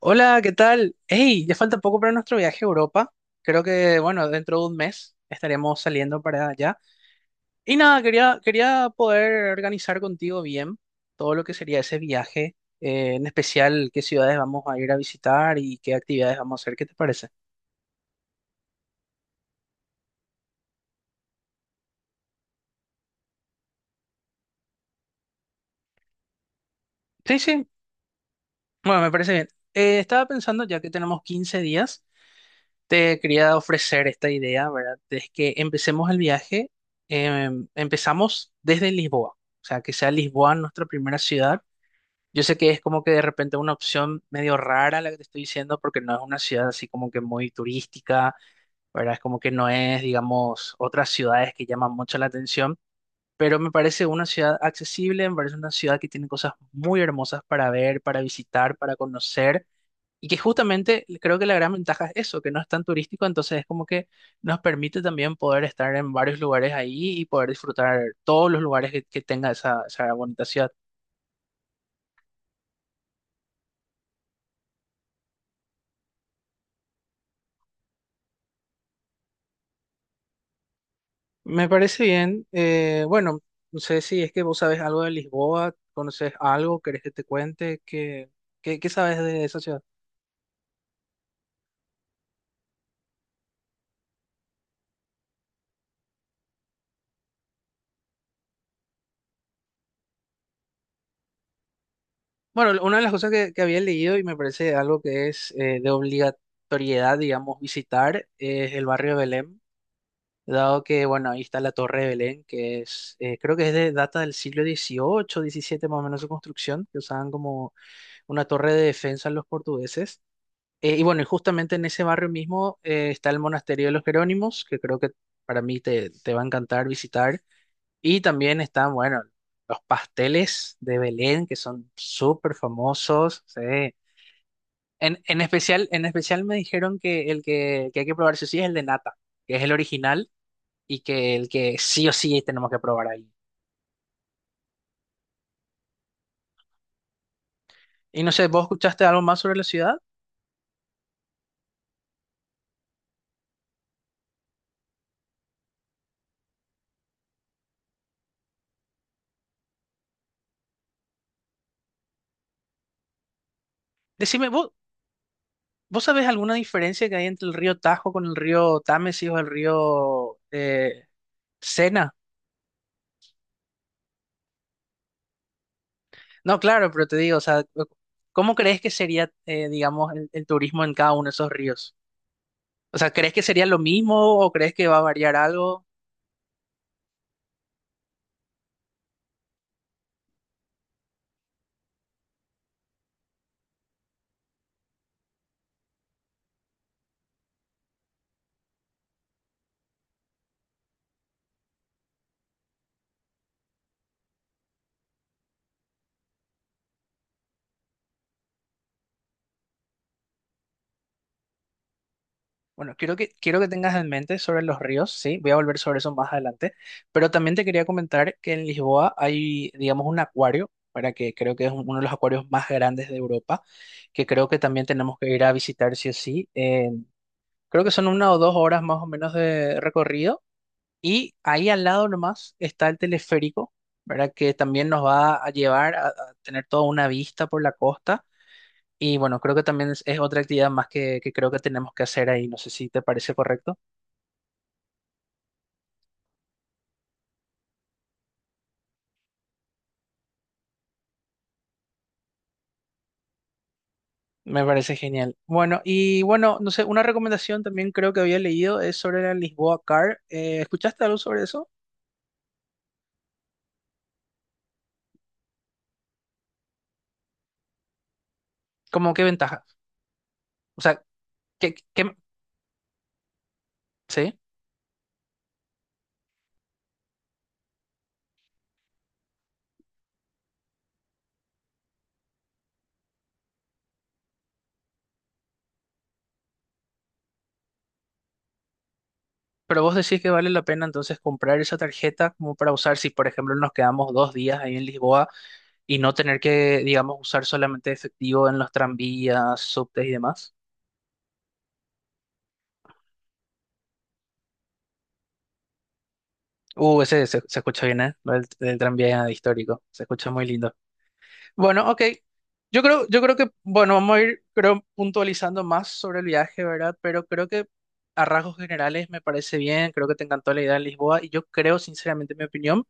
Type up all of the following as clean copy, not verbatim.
Hola, ¿qué tal? Hey, ya falta poco para nuestro viaje a Europa. Creo que, bueno, dentro de un mes estaremos saliendo para allá. Y nada, quería poder organizar contigo bien todo lo que sería ese viaje, en especial qué ciudades vamos a ir a visitar y qué actividades vamos a hacer. ¿Qué te parece? Sí, sí, bueno, me parece bien. Estaba pensando, ya que tenemos 15 días, te quería ofrecer esta idea, ¿verdad? Es que empecemos el viaje, empezamos desde Lisboa, o sea, que sea Lisboa nuestra primera ciudad. Yo sé que es como que de repente una opción medio rara la que te estoy diciendo, porque no es una ciudad así como que muy turística, ¿verdad? Es como que no es, digamos, otras ciudades que llaman mucho la atención, pero me parece una ciudad accesible, me parece una ciudad que tiene cosas muy hermosas para ver, para visitar, para conocer, y que justamente creo que la gran ventaja es eso, que no es tan turístico, entonces es como que nos permite también poder estar en varios lugares ahí y poder disfrutar todos los lugares que tenga esa bonita ciudad. Me parece bien. Bueno, no sé si es que vos sabés algo de Lisboa, conoces algo, querés que te cuente, ¿qué sabes de esa ciudad? Bueno, una de las cosas que había leído y me parece algo que es de obligatoriedad, digamos, visitar es el barrio de Belém, dado que, bueno, ahí está la Torre de Belén, que es, creo que es de data del siglo dieciocho diecisiete más o menos su construcción, que usaban como una torre de defensa los portugueses. Y bueno, y justamente en ese barrio mismo está el Monasterio de los Jerónimos, que creo que para mí te va a encantar visitar. Y también están, bueno, los pasteles de Belén, que son súper famosos. Sí. En especial me dijeron que el que hay que probar sí o sí es el de nata, que es el original y que el que sí o sí tenemos que probar ahí. Y no sé, ¿vos escuchaste algo más sobre la ciudad? Decime, ¿vos sabés alguna diferencia que hay entre el río Tajo con el río Támesis o el río Sena? No, claro, pero te digo, o sea, ¿cómo crees que sería, digamos, el turismo en cada uno de esos ríos? O sea, ¿crees que sería lo mismo o crees que va a variar algo? Bueno, quiero que tengas en mente sobre los ríos, sí, voy a volver sobre eso más adelante, pero también te quería comentar que en Lisboa hay, digamos, un acuario, para que creo que es uno de los acuarios más grandes de Europa, que creo que también tenemos que ir a visitar sí o sí. Creo que son 1 o 2 horas más o menos de recorrido y ahí al lado nomás está el teleférico, ¿verdad? Que también nos va a llevar a tener toda una vista por la costa. Y bueno, creo que también es otra actividad más que creo que tenemos que hacer ahí. No sé si te parece correcto. Me parece genial. Bueno, y bueno, no sé, una recomendación también creo que había leído es sobre la Lisboa Car. ¿Escuchaste algo sobre eso? ¿Cómo qué ventaja? O sea, ¿qué, sí? Pero vos decís que vale la pena entonces comprar esa tarjeta como para usar si, por ejemplo, nos quedamos 2 días ahí en Lisboa y no tener que, digamos, usar solamente efectivo en los tranvías, subtes y demás. Ese se escucha bien, ¿eh? Lo del el tranvía histórico. Se escucha muy lindo. Bueno, ok. Yo creo que, bueno, vamos a ir, creo, puntualizando más sobre el viaje, ¿verdad? Pero creo que a rasgos generales me parece bien, creo que te encantó la idea de Lisboa y yo creo, sinceramente, en mi opinión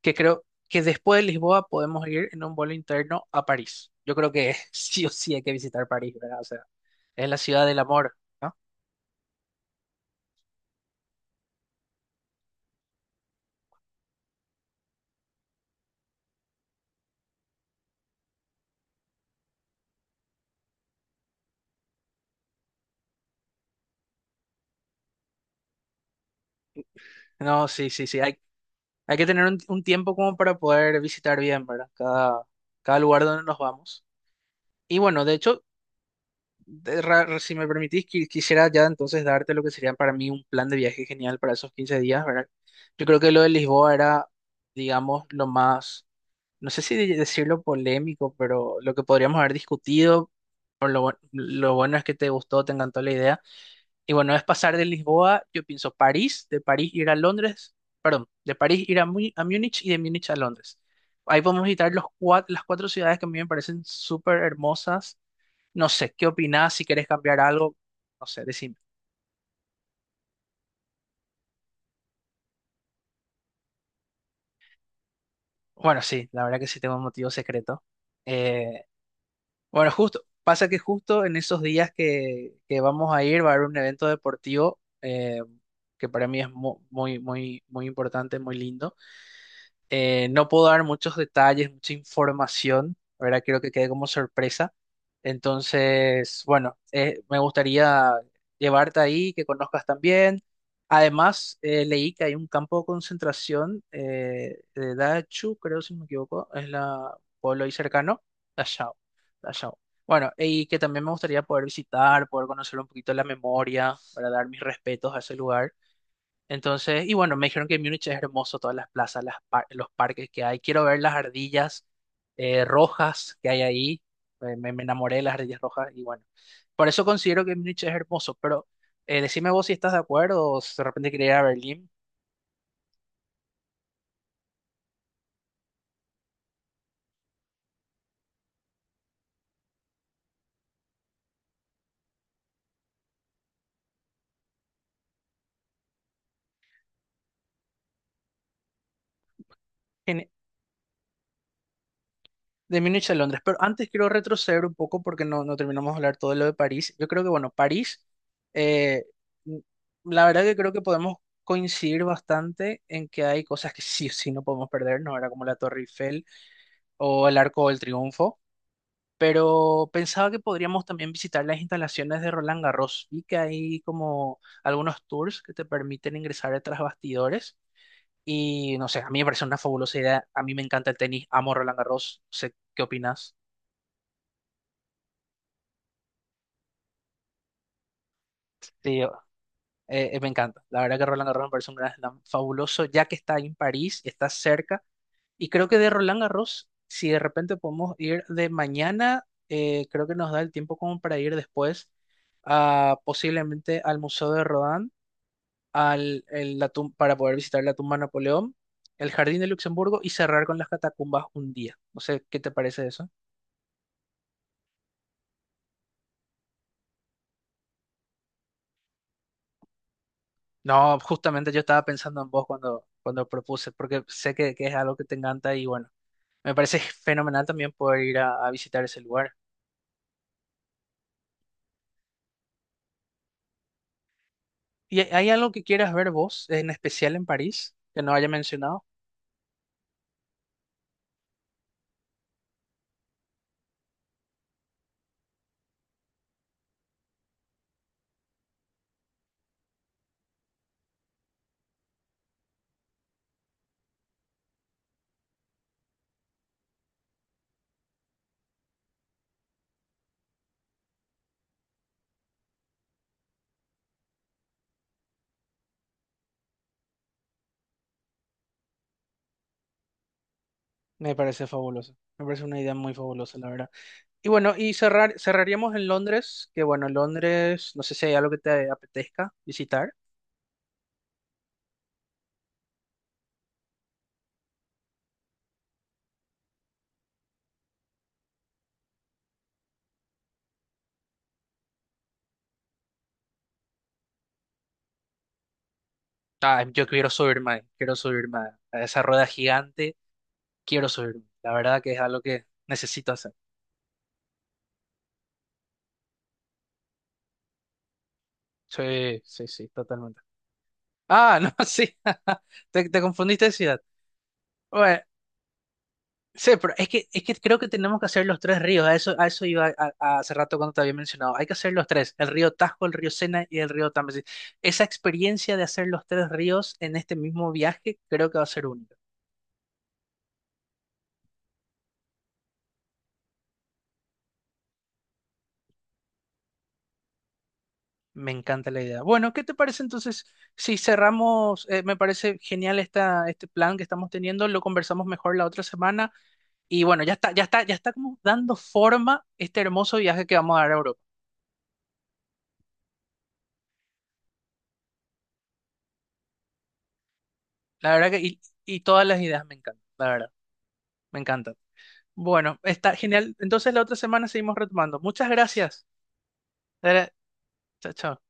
que creo que después de Lisboa podemos ir en un vuelo interno a París. Yo creo que sí o sí hay que visitar París, ¿verdad? O sea, es la ciudad del amor, ¿no? No, sí, sí, sí. Hay que tener un tiempo como para poder visitar bien, ¿verdad? Cada lugar donde nos vamos. Y bueno, de hecho, si me permitís, quisiera ya entonces darte lo que sería para mí un plan de viaje genial para esos 15 días, ¿verdad? Yo creo que lo de Lisboa era, digamos, lo más, no sé si decirlo polémico, pero lo que podríamos haber discutido, por lo, lo bueno es que te gustó, te encantó la idea. Y bueno, es pasar de Lisboa, yo pienso París, de París ir a Londres, perdón, de París ir a Múnich y de Múnich a Londres. Ahí podemos visitar las cuatro ciudades que a mí me parecen súper hermosas. No sé, ¿qué opinás? Si querés cambiar algo, no sé, decime. Bueno, sí, la verdad que sí tengo un motivo secreto. Eh, bueno, justo, pasa que justo en esos días que vamos a ir va a haber un evento deportivo que para mí es muy, muy, muy importante, muy lindo. No puedo dar muchos detalles, mucha información, ¿verdad? Quiero que quede como sorpresa. Entonces, bueno, me gustaría llevarte ahí, que conozcas también. Además, leí que hay un campo de concentración de Dachau, creo si no me equivoco, es la pueblo ahí cercano, Dachau, Dachau. Bueno, y que también me gustaría poder visitar, poder conocer un poquito la memoria, para dar mis respetos a ese lugar. Entonces, y bueno, me dijeron que Múnich es hermoso, todas las plazas, los parques que hay. Quiero ver las ardillas rojas que hay ahí. Me enamoré de las ardillas rojas y bueno, por eso considero que Múnich es hermoso. Pero decime vos si estás de acuerdo o si de repente quería ir a Berlín. Gene- De Múnich a Londres, pero antes quiero retroceder un poco porque no terminamos de hablar todo lo de París. Yo creo que, bueno, París, eh, n- la verdad que creo que podemos coincidir bastante en que hay cosas que sí o sí no podemos perder, ¿no? Era como la Torre Eiffel o el Arco del Triunfo, pero pensaba que podríamos también visitar las instalaciones de Roland Garros. Vi que hay como algunos tours que te permiten ingresar tras bastidores y no sé, a mí me parece una fabulosa idea. A mí me encanta el tenis, amo Roland Garros. No sé qué opinas. Sí, me encanta. La verdad que Roland Garros me parece un gran slam fabuloso, ya que está ahí en París, está cerca. Y creo que de Roland Garros, si de repente podemos ir de mañana, creo que nos da el tiempo como para ir después posiblemente al Museo de Rodin, al, el- la tum- para poder visitar la tumba de Napoleón, el Jardín de Luxemburgo y cerrar con las catacumbas un día. No sé, ¿qué te parece eso? No, justamente yo estaba pensando en vos cuando propuse, porque sé que es algo que te encanta y bueno, me parece fenomenal también poder ir a visitar ese lugar. ¿Y hay algo que quieras ver vos, en especial en París, que no haya mencionado? Me parece fabuloso. Me parece una idea muy fabulosa, la verdad. Y bueno, y cerraríamos en Londres, que bueno, Londres, no sé si hay algo que te apetezca visitar. Ah, yo quiero subirme, ahí, quiero subirme a esa rueda gigante, quiero subirme. La verdad que es algo que necesito hacer. Sí, sí, sí, totalmente. Ah, no, sí, te confundiste de ciudad. Bueno, sí, pero es que creo que tenemos que hacer los tres ríos. A eso iba hace rato cuando te había mencionado. Hay que hacer los tres, el río Tajo, el río Sena y el río Támesis. Esa experiencia de hacer los tres ríos en este mismo viaje creo que va a ser única. Me encanta la idea. Bueno, ¿qué te parece entonces? Si cerramos, me parece genial este plan que estamos teniendo, lo conversamos mejor la otra semana y bueno, ya está, ya está, ya está como dando forma este hermoso viaje que vamos a dar a Europa. La verdad que, y todas las ideas me encantan, la verdad, me encantan. Bueno, está genial. Entonces la otra semana seguimos retomando. Muchas gracias. Eh, Chao, chao.